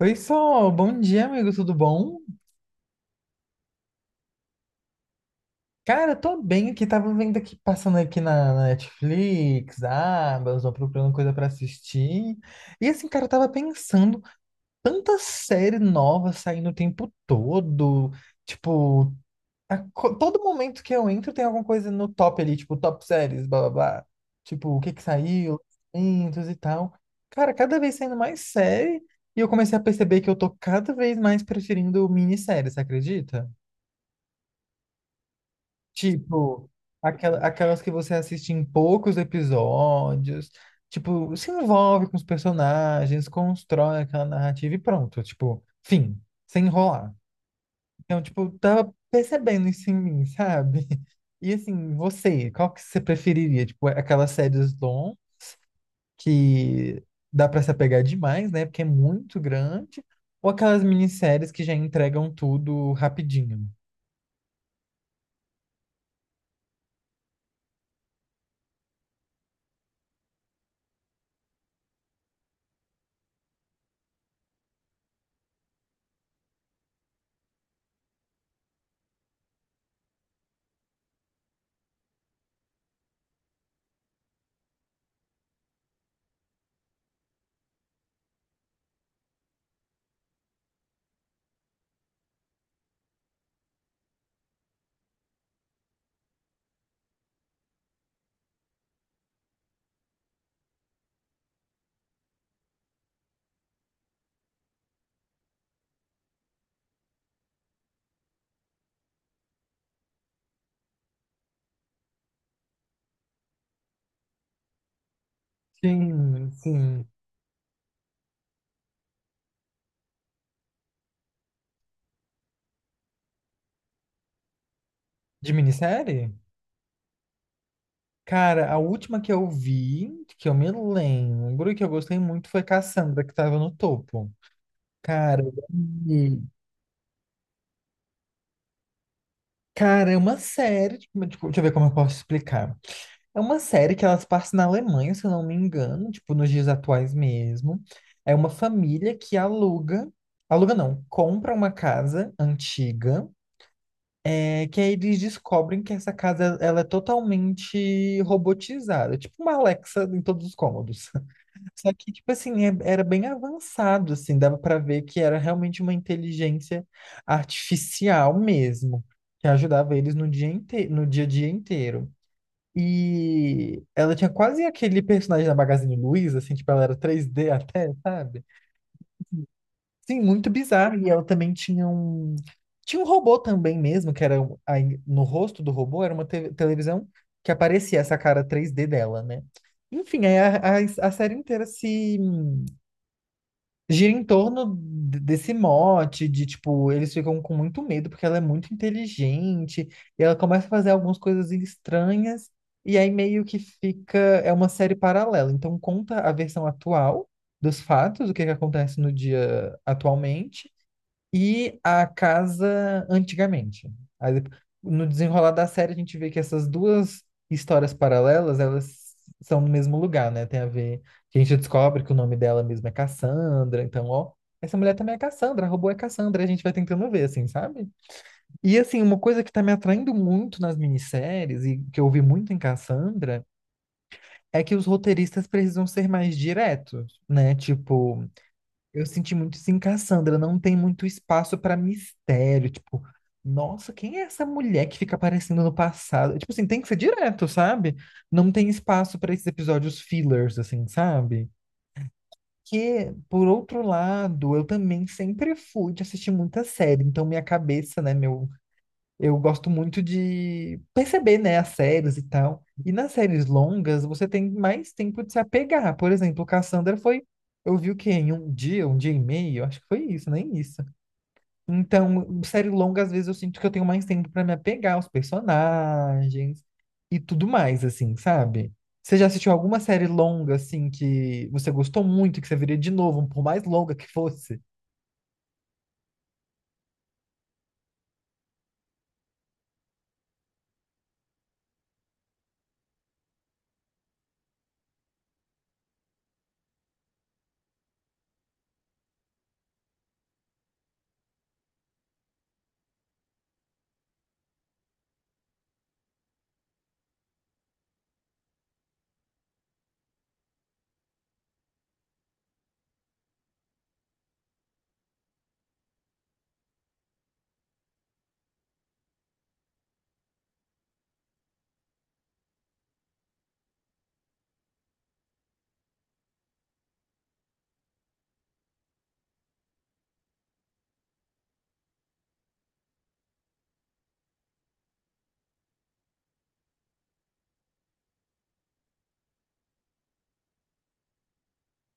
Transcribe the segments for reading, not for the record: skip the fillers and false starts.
Oi, Sol, bom dia, amigo, tudo bom? Cara, tô bem aqui, tava vendo aqui, passando aqui na Netflix, abas, ó, procurando coisa pra assistir. E assim, cara, eu tava pensando, tanta série nova saindo o tempo todo, tipo, todo momento que eu entro tem alguma coisa no top ali, tipo, top séries, blá blá blá. Tipo, o que que saiu, lançamentos e tal. Cara, cada vez saindo mais série, e eu comecei a perceber que eu tô cada vez mais preferindo minissérie, você acredita? Tipo, aquelas que você assiste em poucos episódios, tipo, se envolve com os personagens, constrói aquela narrativa e pronto, tipo, fim, sem enrolar. Então, tipo, tava percebendo isso em mim, sabe? E assim, você, qual que você preferiria? Tipo, aquelas séries long que dá pra se apegar demais, né? Porque é muito grande, ou aquelas minisséries que já entregam tudo rapidinho? Sim, sim. De minissérie? Cara, a última que eu vi, que eu me lembro e que eu gostei muito foi Cassandra, que tava no topo. Cara, eu amei. Cara, é uma série, tipo, deixa eu ver como eu posso explicar. É uma série que elas passam na Alemanha, se eu não me engano, tipo, nos dias atuais mesmo. É uma família que aluga, aluga não, compra uma casa antiga, é, que aí eles descobrem que essa casa, ela é totalmente robotizada, tipo uma Alexa em todos os cômodos. Só que, tipo assim, era bem avançado, assim, dava pra ver que era realmente uma inteligência artificial mesmo, que ajudava eles no dia inteiro, no dia a dia inteiro. E ela tinha quase aquele personagem da Magazine Luiza, assim, tipo, ela era 3D até, sabe? Sim, muito bizarro. E ela também tinha um... Tinha um robô também mesmo, que era... aí no rosto do robô era uma televisão que aparecia essa cara 3D dela, né? Enfim, aí a série inteira se gira em torno desse mote de tipo, eles ficam com muito medo porque ela é muito inteligente e ela começa a fazer algumas coisas estranhas e aí meio que fica, é uma série paralela. Então conta a versão atual dos fatos, o que que acontece no dia atualmente e a casa antigamente. Aí, dep- no desenrolar da série, a gente vê que essas duas histórias paralelas, elas são no mesmo lugar, né? Tem a ver que a gente descobre que o nome dela mesma é Cassandra, então, ó, essa mulher também é Cassandra, a robô é Cassandra, a gente vai tentando ver, assim, sabe? E, assim, uma coisa que tá me atraindo muito nas minisséries e que eu vi muito em Cassandra é que os roteiristas precisam ser mais diretos, né? Tipo, eu senti muito isso em Cassandra, não tem muito espaço pra mistério, tipo, nossa, quem é essa mulher que fica aparecendo no passado? Tipo assim, tem que ser direto, sabe? Não tem espaço pra esses episódios fillers, assim, sabe? Que, por outro lado, eu também sempre fui de assistir muita série, então minha cabeça, né, meu eu gosto muito de perceber, né, as séries e tal. E nas séries longas, você tem mais tempo de se apegar. Por exemplo, Cassandra foi. Eu vi o quê? Em um dia e meio? Acho que foi isso, nem isso. Então, série longa, às vezes eu sinto que eu tenho mais tempo para me apegar aos personagens e tudo mais, assim, sabe? Você já assistiu alguma série longa, assim, que você gostou muito, que você veria de novo, por mais longa que fosse?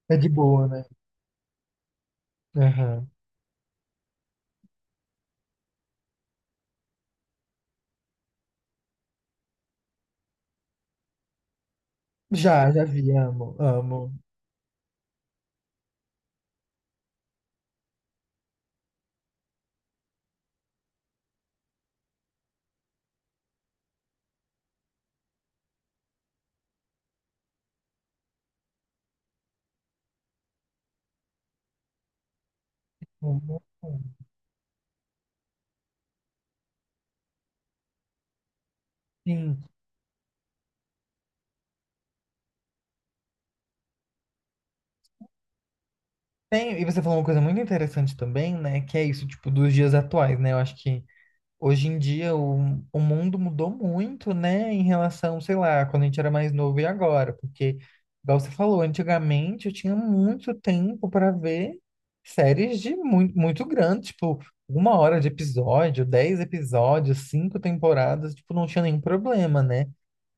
É de boa, né? Aham. Já, já vi, amo, amo. Amo. Sim, tem, e você falou uma coisa muito interessante também, né? Que é isso, tipo, dos dias atuais, né? Eu acho que hoje em dia o mundo mudou muito, né? Em relação, sei lá, quando a gente era mais novo e agora, porque, igual você falou, antigamente eu tinha muito tempo para ver séries de muito, muito grande, tipo, uma hora de episódio, dez episódios, cinco temporadas, tipo, não tinha nenhum problema, né?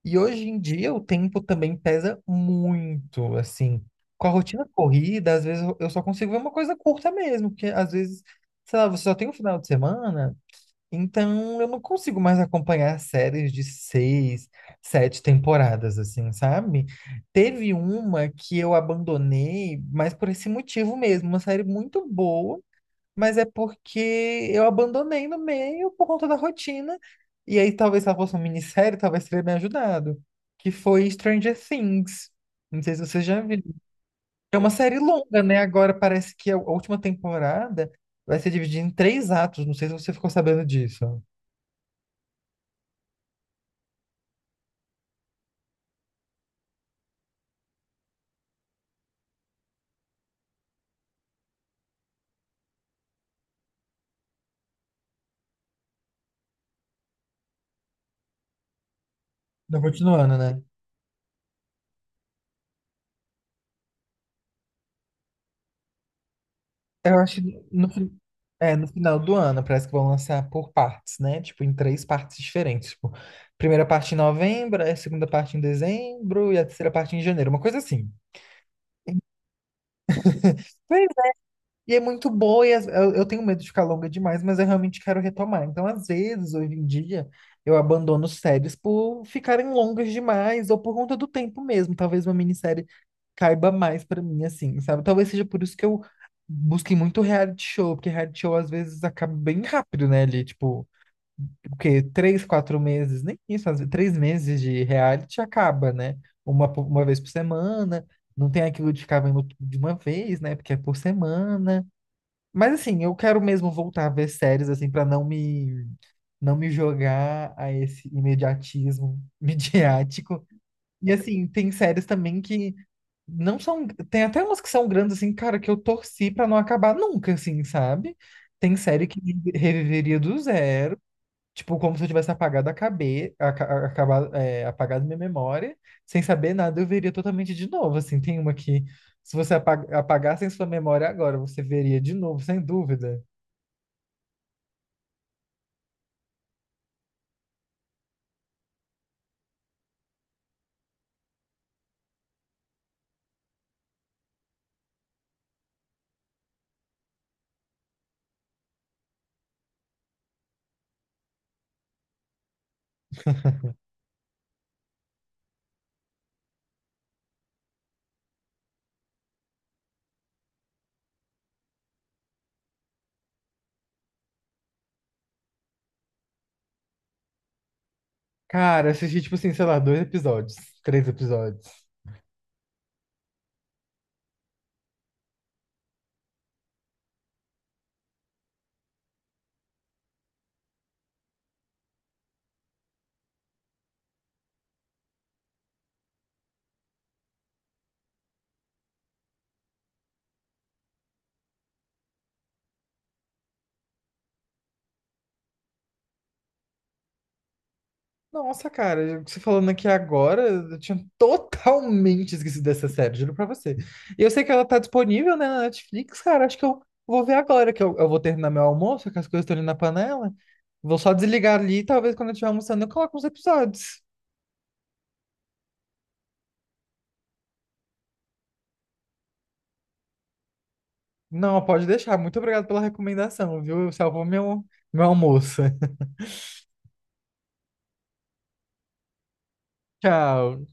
E hoje em dia o tempo também pesa muito, assim. Com a rotina corrida, às vezes eu só consigo ver uma coisa curta mesmo, porque às vezes, sei lá, você só tem um final de semana, então eu não consigo mais acompanhar séries de seis, sete temporadas, assim, sabe? Teve uma que eu abandonei, mas por esse motivo mesmo, uma série muito boa, mas é porque eu abandonei no meio por conta da rotina. E aí, talvez se ela fosse uma minissérie, talvez teria me ajudado. Que foi Stranger Things. Não sei se você já viu. É uma série longa, né? Agora parece que a última temporada vai ser dividida em três atos. Não sei se você ficou sabendo disso. Não, continuando, né? Eu acho que é, no final do ano parece que vão lançar por partes, né? Tipo, em três partes diferentes. Tipo, primeira parte em novembro, a segunda parte em dezembro e a terceira parte em janeiro. Uma coisa assim. Pois é. E é muito boa, e eu tenho medo de ficar longa demais, mas eu realmente quero retomar. Então, às vezes, hoje em dia, eu abandono séries por ficarem longas demais, ou por conta do tempo mesmo. Talvez uma minissérie caiba mais pra mim, assim, sabe? Talvez seja por isso que eu busquei muito reality show, porque reality show às vezes acaba bem rápido, né? Ali, tipo, o quê? Três, quatro meses, nem isso, às vezes, três meses de reality acaba, né? Uma vez por semana, não tem aquilo de ficar vendo tudo de uma vez, né? Porque é por semana. Mas assim, eu quero mesmo voltar a ver séries assim para não me jogar a esse imediatismo midiático. E assim, tem séries também que não são, tem até umas que são grandes assim, cara, que eu torci pra não acabar nunca assim, sabe? Tem série que reviveria do zero. Tipo, como se eu tivesse apagado a acabado, é, apagado minha memória, sem saber nada, eu veria totalmente de novo. Assim, tem uma que, se você apagasse em sua memória agora, você veria de novo, sem dúvida. Cara, eu assisti, tipo assim, sei lá, dois episódios, três episódios. Nossa, cara, você falando aqui agora, eu tinha totalmente esquecido dessa série, juro pra você. E eu sei que ela tá disponível, né, na Netflix, cara, acho que eu vou ver agora, que eu vou terminar meu almoço, que as coisas estão ali na panela. Vou só desligar ali, e talvez quando eu estiver almoçando eu coloque uns episódios. Não, pode deixar. Muito obrigado pela recomendação, viu? Salvou meu, meu almoço. Tchau.